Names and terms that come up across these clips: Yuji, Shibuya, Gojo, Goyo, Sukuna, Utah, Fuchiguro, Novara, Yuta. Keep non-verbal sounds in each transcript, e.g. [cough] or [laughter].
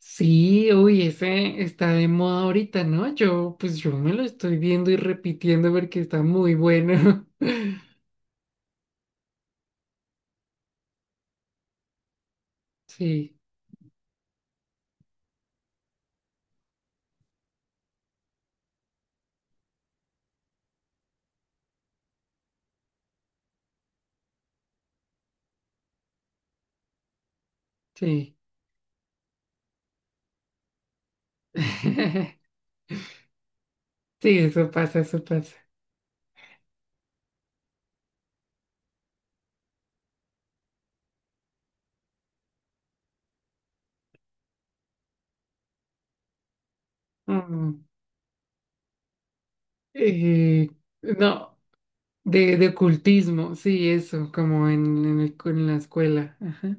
Sí, uy, ese está de moda ahorita, ¿no? Yo, pues yo me lo estoy viendo y repitiendo porque está muy bueno. [laughs] Sí, sí. [laughs] Sí, eso pasa, eso pasa. Mm. Eh, no, de ocultismo, sí, eso, como en, en la escuela. Ajá.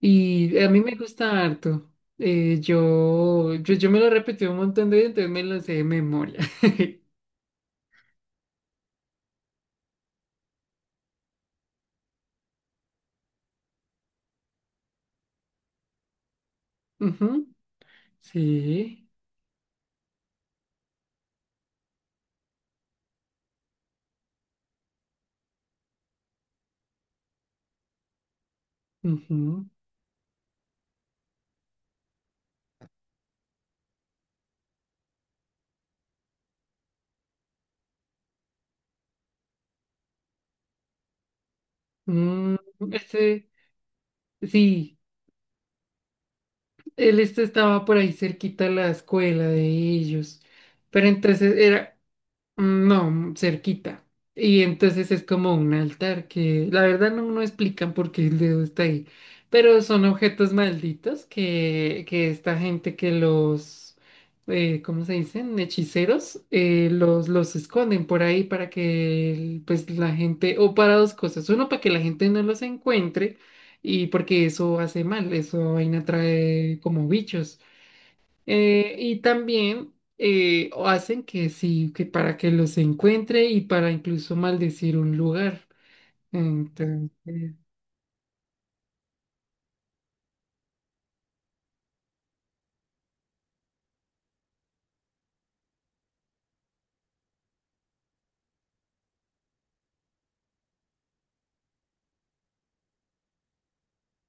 Y a mí me gusta harto. Yo me lo repetí un montón de veces, entonces me lo sé de memoria. [laughs] Ujú. Sí. Ujú. Mm, este, sí, él estaba por ahí cerquita a la escuela de ellos, pero Mm, no, cerquita. Y entonces es como un altar que la verdad no, no explican por qué el dedo está ahí. Pero son objetos malditos que esta gente que los, ¿cómo se dicen? Hechiceros, los esconden por ahí para pues la gente, o para dos cosas. Uno, para que la gente no los encuentre y porque eso hace mal, eso vaina trae como bichos. Y también o hacen que sí, que para que los encuentre y para incluso maldecir un lugar. Entonces,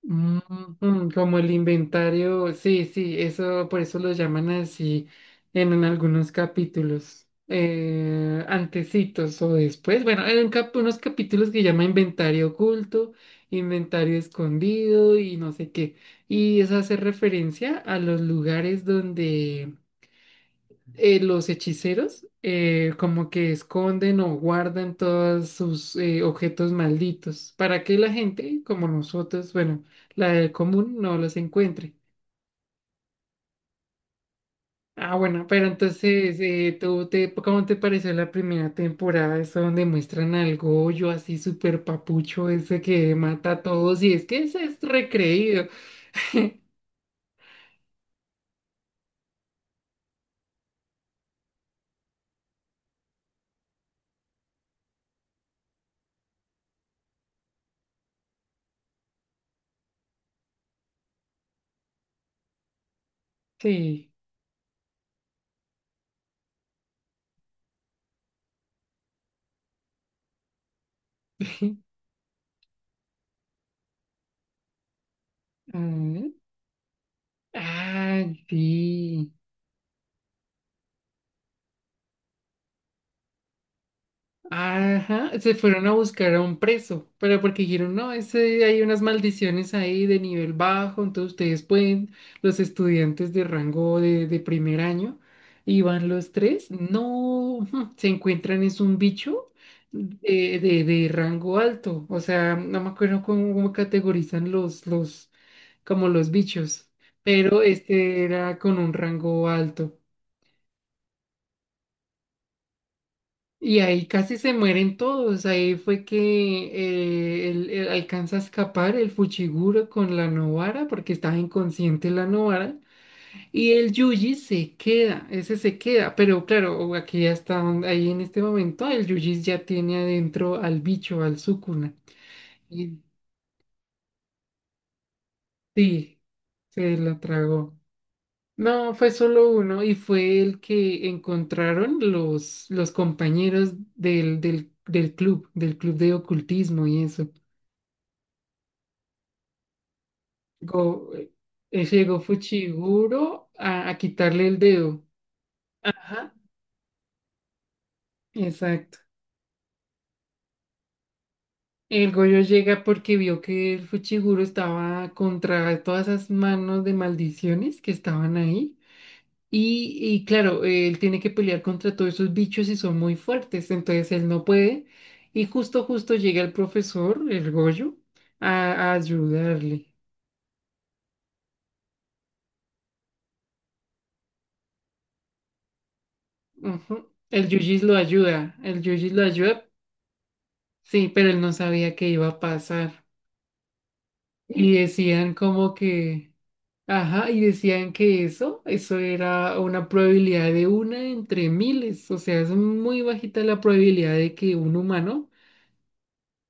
mm, mm, como el inventario, sí, sí, eso por eso lo llaman así en algunos capítulos. Antecitos o después, bueno, hay un unos capítulos que llama inventario oculto, inventario escondido y no sé qué. Y eso hace referencia a los lugares donde los hechiceros como que esconden o guardan todos sus objetos malditos para que la gente como nosotros, bueno, la del común no los encuentre. Ah, bueno, pero entonces, ¿tú te, cómo te pareció la primera temporada? Esa donde muestran al Goyo así súper papucho, ese que mata a todos y es que ese es recreído. Sí. [laughs] Mm. Ah, sí. Ajá, se fueron a buscar a un preso, pero porque dijeron, no, ese, hay unas maldiciones ahí de nivel bajo, entonces ustedes pueden, los estudiantes de rango de primer año, y van los tres, no, ujú, se encuentran, es un bicho de rango alto, o sea, no me acuerdo cómo categorizan los, como los bichos, pero este era con un rango alto. Y ahí casi se mueren todos. Ahí fue que él alcanza a escapar el Fuchiguro con la Novara, porque estaba inconsciente la Novara. Y el Yuji se queda, ese se queda. Pero claro, aquí ya está, ahí en este momento, el Yuji ya tiene adentro al bicho, al Sukuna. Y sí, se la tragó. No, fue solo uno y fue el que encontraron los compañeros del club de ocultismo y eso. Go- eh, Llegó Fuchiguro a quitarle el dedo. Ajá, exacto. El Goyo llega porque vio que el Fuchiguro estaba contra todas esas manos de maldiciones que estaban ahí. Y claro, él tiene que pelear contra todos esos bichos y son muy fuertes, entonces él no puede. Y justo llega el profesor, el Goyo, a ayudarle. Ujú. El Yujis lo ayuda, el Yujis lo ayuda, sí, pero él no sabía qué iba a pasar. Y decían como que, ajá, y decían que eso era una probabilidad de una entre miles, o sea, es muy bajita la probabilidad de que un humano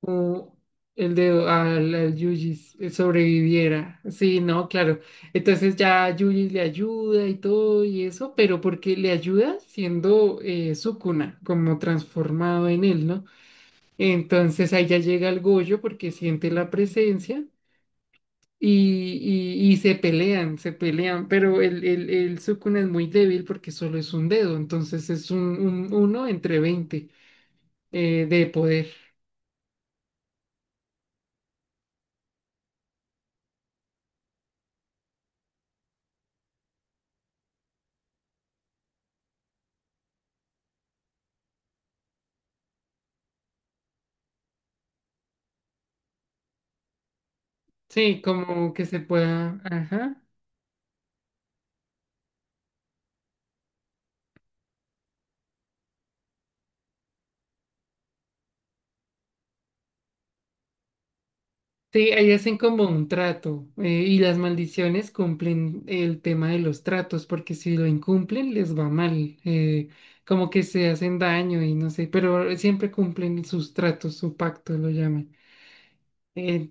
o al Yuji sobreviviera. Sí, no, claro. Entonces ya Yuji le ayuda y todo y eso, pero porque le ayuda siendo Sukuna, como transformado en él, ¿no? Entonces ahí ya llega el Gojo porque siente la presencia. Y se pelean, pero el Sukuna es muy débil porque solo es un dedo, entonces es un uno entre 20 de poder. Sí, como que se pueda, ajá. Sí, ahí hacen como un trato y las maldiciones cumplen el tema de los tratos porque si lo incumplen les va mal, como que se hacen daño y no sé, pero siempre cumplen sus tratos, su pacto lo llaman. Eh,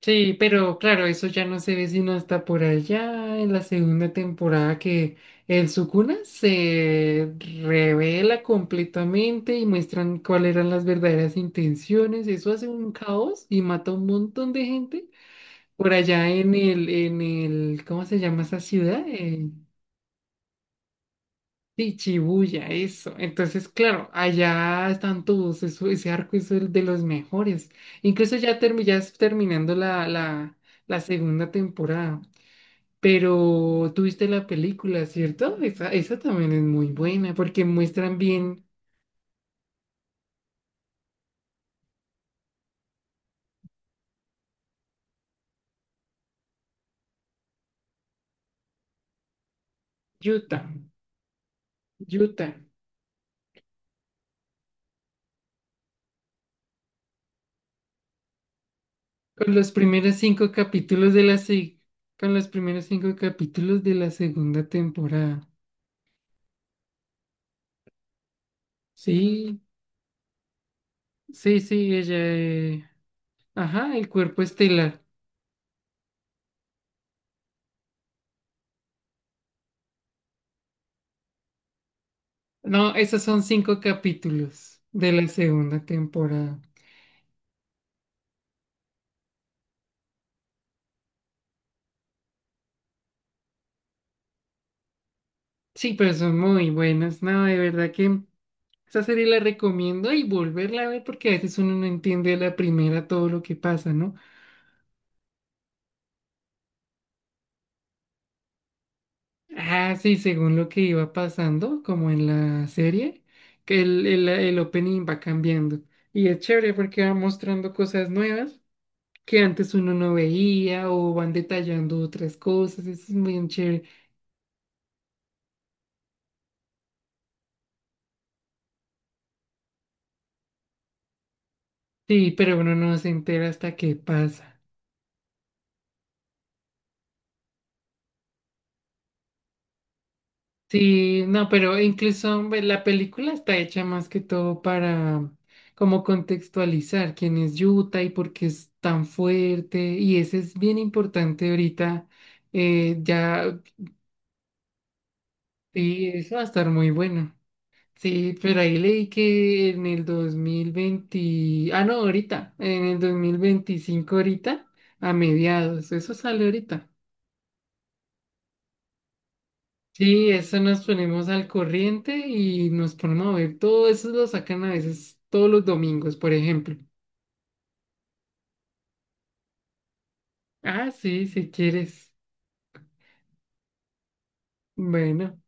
sí, pero claro, eso ya no se ve sino hasta por allá en la segunda temporada que el Sukuna se revela completamente y muestran cuáles eran las verdaderas intenciones, eso hace un caos y mata a un montón de gente. Por allá en en el, ¿cómo se llama esa ciudad? Sí, Shibuya, eso. Entonces, claro, allá están todos, ese arco es el de los mejores. Incluso ya, ya es terminando la segunda temporada. Pero tuviste la película, ¿cierto? Esa también es muy buena porque muestran bien Utah, Utah, con los primeros cinco capítulos de con los primeros cinco capítulos de la segunda temporada. Sí, sí, sí, ella. Ajá, el cuerpo estelar. No, esos son cinco capítulos de la segunda temporada. Sí, pero son muy buenas. No, de verdad que esa serie la recomiendo y volverla a ver porque a veces uno no entiende a la primera todo lo que pasa, ¿no? Ah, sí, según lo que iba pasando, como en la serie, que el opening va cambiando. Y es chévere porque va mostrando cosas nuevas que antes uno no veía o van detallando otras cosas, eso es muy chévere. Sí, pero uno no se entera hasta qué pasa. Sí, no, pero incluso ve, la película está hecha más que todo para mm, como contextualizar quién es Yuta y por qué es tan fuerte y eso es bien importante ahorita. eh, ya, y eso va a estar muy bueno. Sí, pero ahí leí que en el 2020, ah, no, ahorita, en el 2025 ahorita, a mediados, eso sale ahorita. Sí, eso nos ponemos al corriente y nos ponemos a ver, todo eso lo sacan a veces todos los domingos, por ejemplo. Ah, sí, si quieres. Bueno.